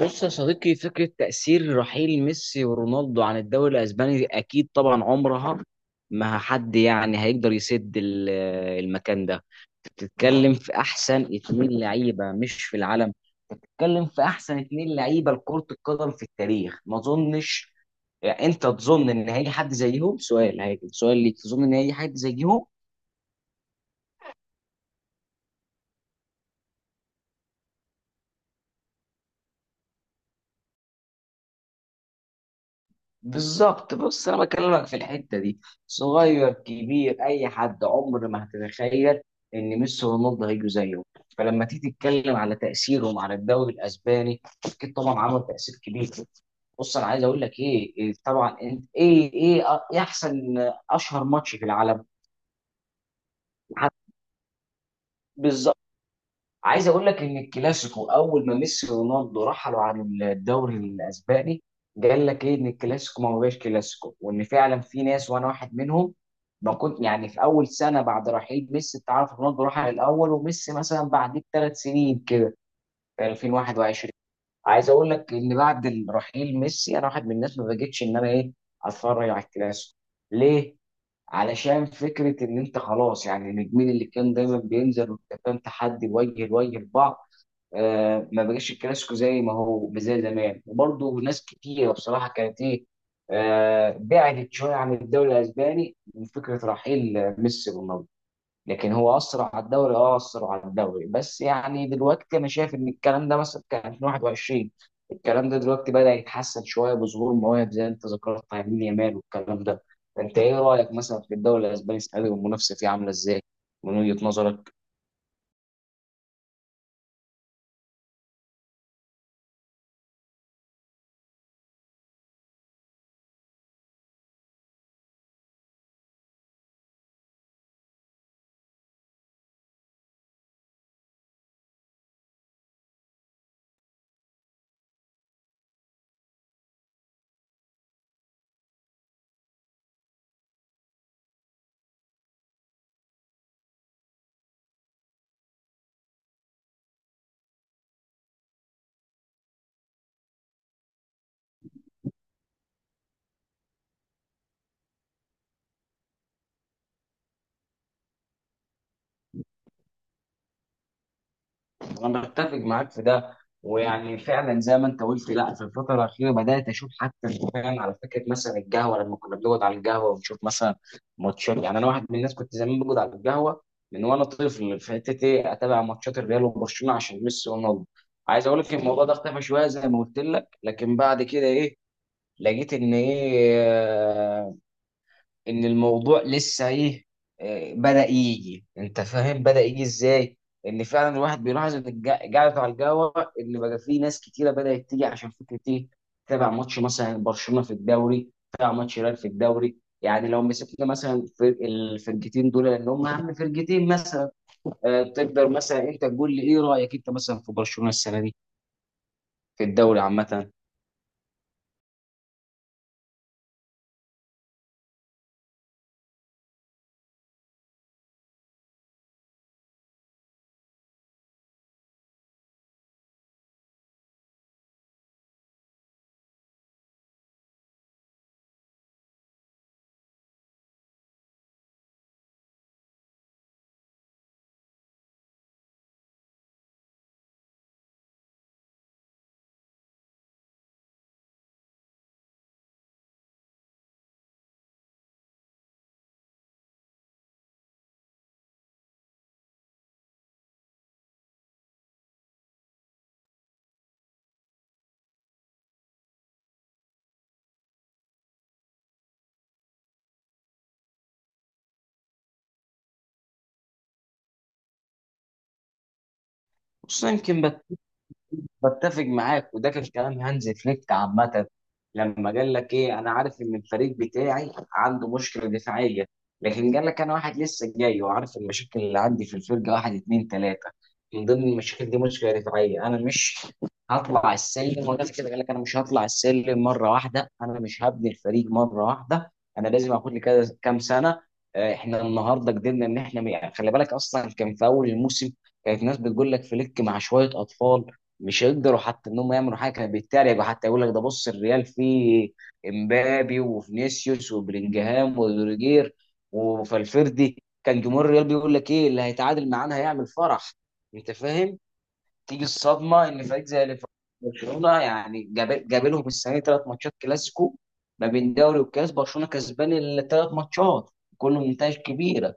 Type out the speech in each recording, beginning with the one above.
بص يا صديقي، فكرة تأثير رحيل ميسي ورونالدو عن الدوري الأسباني أكيد طبعا عمرها ما حد هيقدر يسد المكان ده. بتتكلم في أحسن اتنين لعيبة، مش في العالم، بتتكلم في أحسن اتنين لعيبة لكرة القدم في التاريخ. ما أظنش، أنت تظن إن هيجي حد زيهم؟ سؤال هيجي سؤال ليك، تظن إن هيجي حد زيهم؟ بالظبط. بص، انا بكلمك في الحته دي، صغير كبير اي حد عمر ما هتتخيل ان ميسي ورونالدو هيجوا زيه. فلما تيجي تتكلم على تاثيرهم على الدوري الاسباني، اكيد طبعا عمل تاثير كبير. بص، انا عايز اقول لك ايه، إيه طبعا انت ايه ايه إيه احسن اشهر ماتش في العالم؟ بالظبط. عايز اقول لك ان الكلاسيكو، اول ما ميسي ورونالدو رحلوا عن الدوري الاسباني، قال لك ايه، ان الكلاسيكو ما بقاش كلاسيكو، وان فعلا في ناس، وانا واحد منهم، ما كنت في اول سنه بعد رحيل ميسي، انت عارف رونالدو راح الاول وميسي مثلا بعد بثلاث سنين كده، في 2021. عايز اقول لك ان بعد رحيل ميسي، انا واحد من الناس ما بقتش ان انا ايه، اتفرج على الكلاسيكو. ليه؟ علشان فكره ان انت خلاص، يعني النجمين اللي كان دايما بينزل وكان تحدي وجه لوجه لبعض. ما بقاش الكلاسيكو زي ما هو زي زمان، وبرضه ناس كتيرة بصراحة كانت ايه، بعدت شوية عن الدوري الأسباني من فكرة رحيل ميسي ورونالدو. لكن هو أثر على الدوري، أه أثر على الدوري. بس يعني دلوقتي أنا شايف إن الكلام ده مثلا كان 2021، الكلام ده دلوقتي بدأ يتحسن شوية بظهور مواهب زي أنت ذكرت يمين يامال والكلام ده. أنت إيه رأيك مثلا في الدوري الأسباني السنة دي، والمنافسة فيه عاملة إزاي من وجهة نظرك؟ انا بتفق معاك في ده. ويعني فعلا زي ما انت قلت، لا، في الفتره الاخيره بدات اشوف حتى فعلا، على فكره مثلا القهوه، لما كنا بنقعد على القهوه ونشوف مثلا ماتشات، يعني انا واحد من الناس كنت زمان بقعد على القهوه من وانا طفل في حته ايه، اتابع ماتشات الريال وبرشلونه عشان ميسي ورونالدو. عايز اقول لك الموضوع ده اختفى شويه زي ما قلت لك، لكن بعد كده ايه، لقيت ان ايه، ان الموضوع لسه ايه، بدأ يجي، انت فاهم، بدأ يجي ازاي، ان فعلا الواحد بيلاحظ ان قاعدة على القهوة، ان بقى في ناس كتيرة بدأت تيجي عشان فكرة ايه، تابع ماتش مثلا برشلونة في الدوري، تابع ماتش ريال في الدوري. يعني لو مسكنا مثلا فرق الفرقتين دول، لان هم اهم فرقتين مثلا، تقدر مثلا انت تقول لي ايه رأيك انت مثلا في برشلونة السنة دي في الدوري عامة؟ خصوصا يمكن. بتفق معاك، وده كان كلام هانز فليك عامة، لما قال لك ايه، انا عارف ان الفريق بتاعي عنده مشكلة دفاعية، لكن قال لك انا واحد لسه جاي وعارف المشاكل اللي عندي في الفرقة، واحد اتنين تلاتة، من ضمن المشاكل دي مشكلة دفاعية. انا مش هطلع السلم، ونفس كده قال لك انا مش هطلع السلم مرة واحدة، انا مش هبني الفريق مرة واحدة، انا لازم اخد لي كذا كام سنة. احنا النهارده قدرنا ان احنا، خلي بالك اصلا كان في اول الموسم كانت ناس بتقول لك فليك مع شوية اطفال مش هيقدروا حتى انهم يعملوا حاجه، كانوا بيتريقوا حتى، يقول لك ده بص الريال فيه امبابي وفينيسيوس وبلينجهام وروديجير وفالفيردي، كان جمهور الريال بيقول لك ايه اللي هيتعادل معانا هيعمل فرح. انت فاهم؟ تيجي الصدمه ان فريق زي برشلونه يعني جاب لهم السنه دي 3 ماتشات كلاسيكو ما بين دوري وكاس، برشلونه كسبان ال3 ماتشات كله بنتائج كبيره.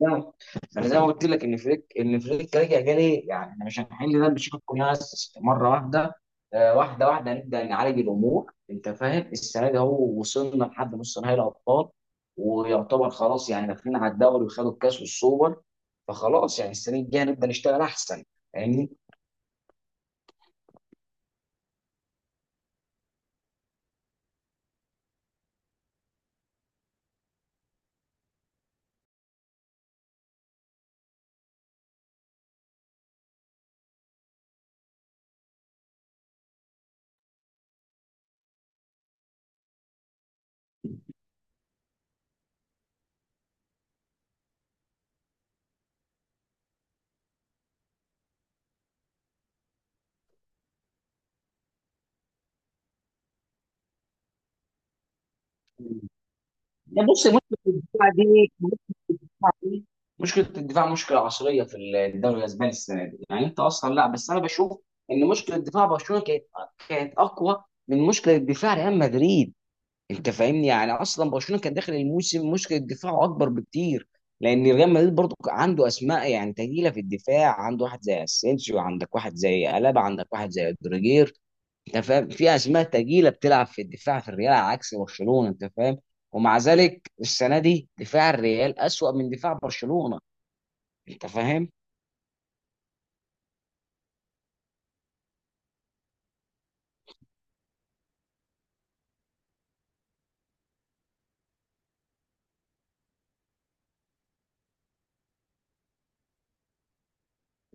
لا، انا زي ما قلت لك ان فريك رجع جالي، يعني احنا مش هنحل ده بشكل ياس مره واحده. واحده واحده نبدا نعالج الامور، انت فاهم. السنه دي اهو وصلنا لحد نص نهائي الابطال، ويعتبر خلاص يعني داخلين على الدوري، وخدوا الكاس والسوبر، فخلاص يعني السنه الجايه نبدا نشتغل احسن يعني. بص الماتش دي دي مشكله الدفاع، مشكله عصريه في الدوري الاسباني السنه دي. يعني انت اصلا لا، بس انا بشوف ان مشكله دفاع برشلونه كانت اقوى من مشكله دفاع ريال مدريد، انت فاهمني. يعني اصلا برشلونه كان داخل الموسم مشكله دفاعه اكبر بكتير، لان ريال مدريد برضو عنده اسماء يعني تقيله في الدفاع، عنده واحد زي اسينسيو، عندك واحد زي الابا، عندك واحد زي رودريجير. انت فاهم، في اسماء تقيله بتلعب في الدفاع في الريال، على عكس برشلونه، انت فاهم. ومع ذلك السنه دي دفاع الريال اسوأ من دفاع برشلونه، انت فاهم.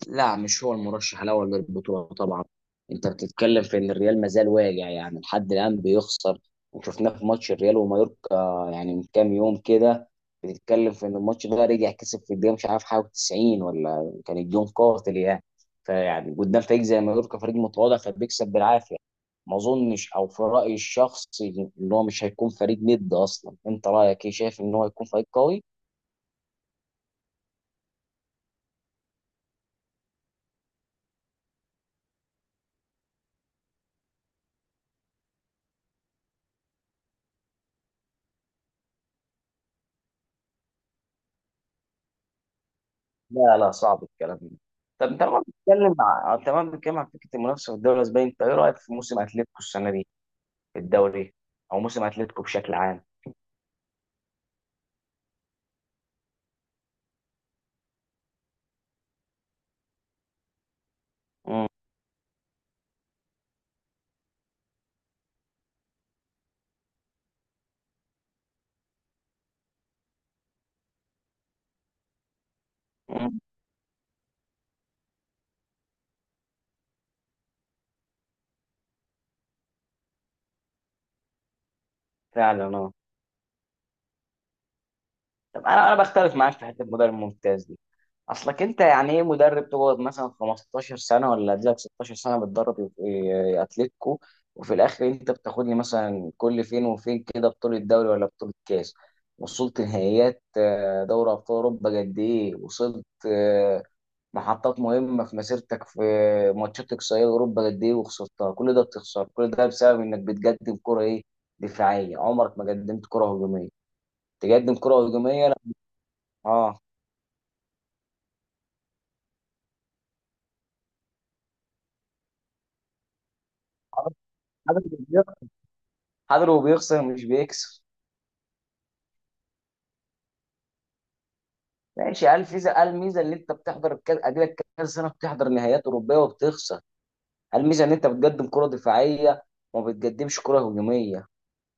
لا، مش هو المرشح الاول للبطوله طبعا. انت بتتكلم في ان الريال ما زال واجع، يعني لحد الان بيخسر، وشفناه في ماتش الريال ومايوركا يعني من كام يوم كده، بتتكلم في ان الماتش ده رجع كسب في الدقيقه مش عارف حاجه 90، ولا كان الجون قاتل يعني. فيعني قدام فريق زي مايوركا فريق متواضع فبيكسب بالعافيه. ما اظنش، او في رايي الشخصي، ان هو مش هيكون فريق ند اصلا. انت رايك ايه، شايف ان هو هيكون فريق قوي؟ لا لا، صعب الكلام ده. طب انت لما بتتكلم مع، تمام، بنتكلم عن فكره المنافسه في الدوري الاسباني، انت ايه رايك في موسم اتلتيكو السنه دي في الدوري، او موسم اتلتيكو بشكل عام؟ امم فعلا اه. طب انا بختلف معاك في حته المدرب الممتاز دي. اصلك انت يعني ايه مدرب تقعد مثلا 15 سنه ولا تجيلك 16 سنه بتدرب إيه اتلتيكو، وفي الاخر انت بتاخد لي مثلا كل فين وفين كده بطوله دوري ولا بطوله كاس؟ وصلت نهائيات دوري ابطال اوروبا قد ايه، وصلت محطات مهمه في مسيرتك في ماتشات اقصائيه اوروبا قد ايه وخسرتها، كل ده بتخسر كل ده بسبب انك بتقدم كره ايه، دفاعيه، عمرك ما قدمت كره هجوميه. تقدم كره هجوميه لا. اه، حضر وبيخسر مش بيكسب. ماشي، قال الميزه، قال الميزه ان انت بتحضر الكاس اديلك كذا سنه بتحضر نهائيات اوروبيه وبتخسر. قال الميزه ان انت بتقدم كره دفاعيه وما بتقدمش كره هجوميه.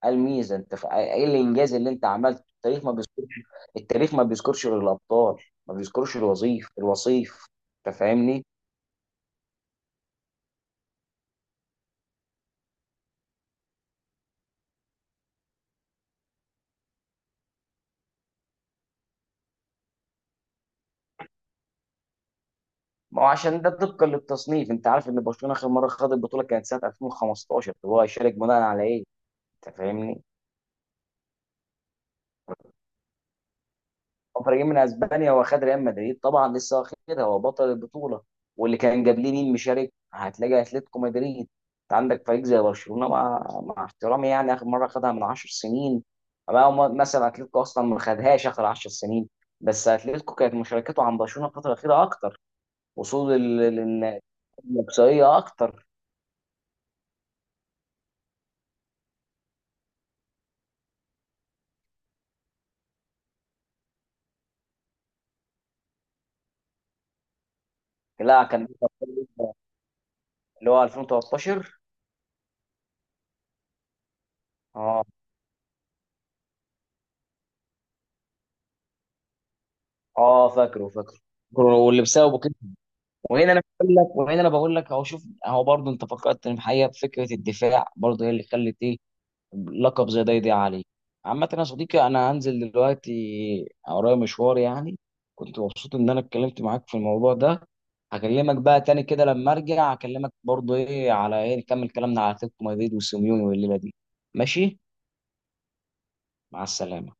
قال الميزه انت ايه الانجاز اللي انت عملته؟ التاريخ ما بيذكرش. التاريخ ما بيذكرش غير الابطال، ما بيذكرش الوصيف، انت فاهمني. ما هو عشان ده طبقا للتصنيف، انت عارف ان برشلونه اخر مره خد البطوله كانت سنه 2015، هو هيشارك بناء على ايه؟ انت فاهمني. مفرجين من اسبانيا، هو خد ريال مدريد طبعا لسه واخدها، هو بطل البطوله، واللي كان قبليه مين مشارك، هتلاقي اتلتيكو مدريد. انت عندك فريق زي برشلونه، مع احترامي يعني، اخر مره خدها من 10 سنين، أما هو مثلا اتلتيكو اصلا ما خدهاش اخر 10 سنين، بس اتلتيكو كانت مشاركته عن برشلونه الفتره الاخيره اكتر، وصول الاقصائيه اكتر. لا كان اللي هو 2013. اه. اه، فاكره فاكره، واللي بسببه. وهنا انا بقول لك، وهنا انا بقول لك اهو، شوف اهو برضه، انت فكرتني بحقيقه، بفكره الدفاع برضه هي اللي خلت ايه لقب زي ده يضيع عليه. عامه يا صديقي، انا هنزل دلوقتي، ورايا مشوار يعني. كنت مبسوط ان انا اتكلمت معاك في الموضوع ده. هكلمك بقى تاني كده لما ارجع، هكلمك برضه ايه على ايه، نكمل كلامنا على اتلتيكو مدريد وسيميوني والليله دي، ماشي؟ مع السلامه.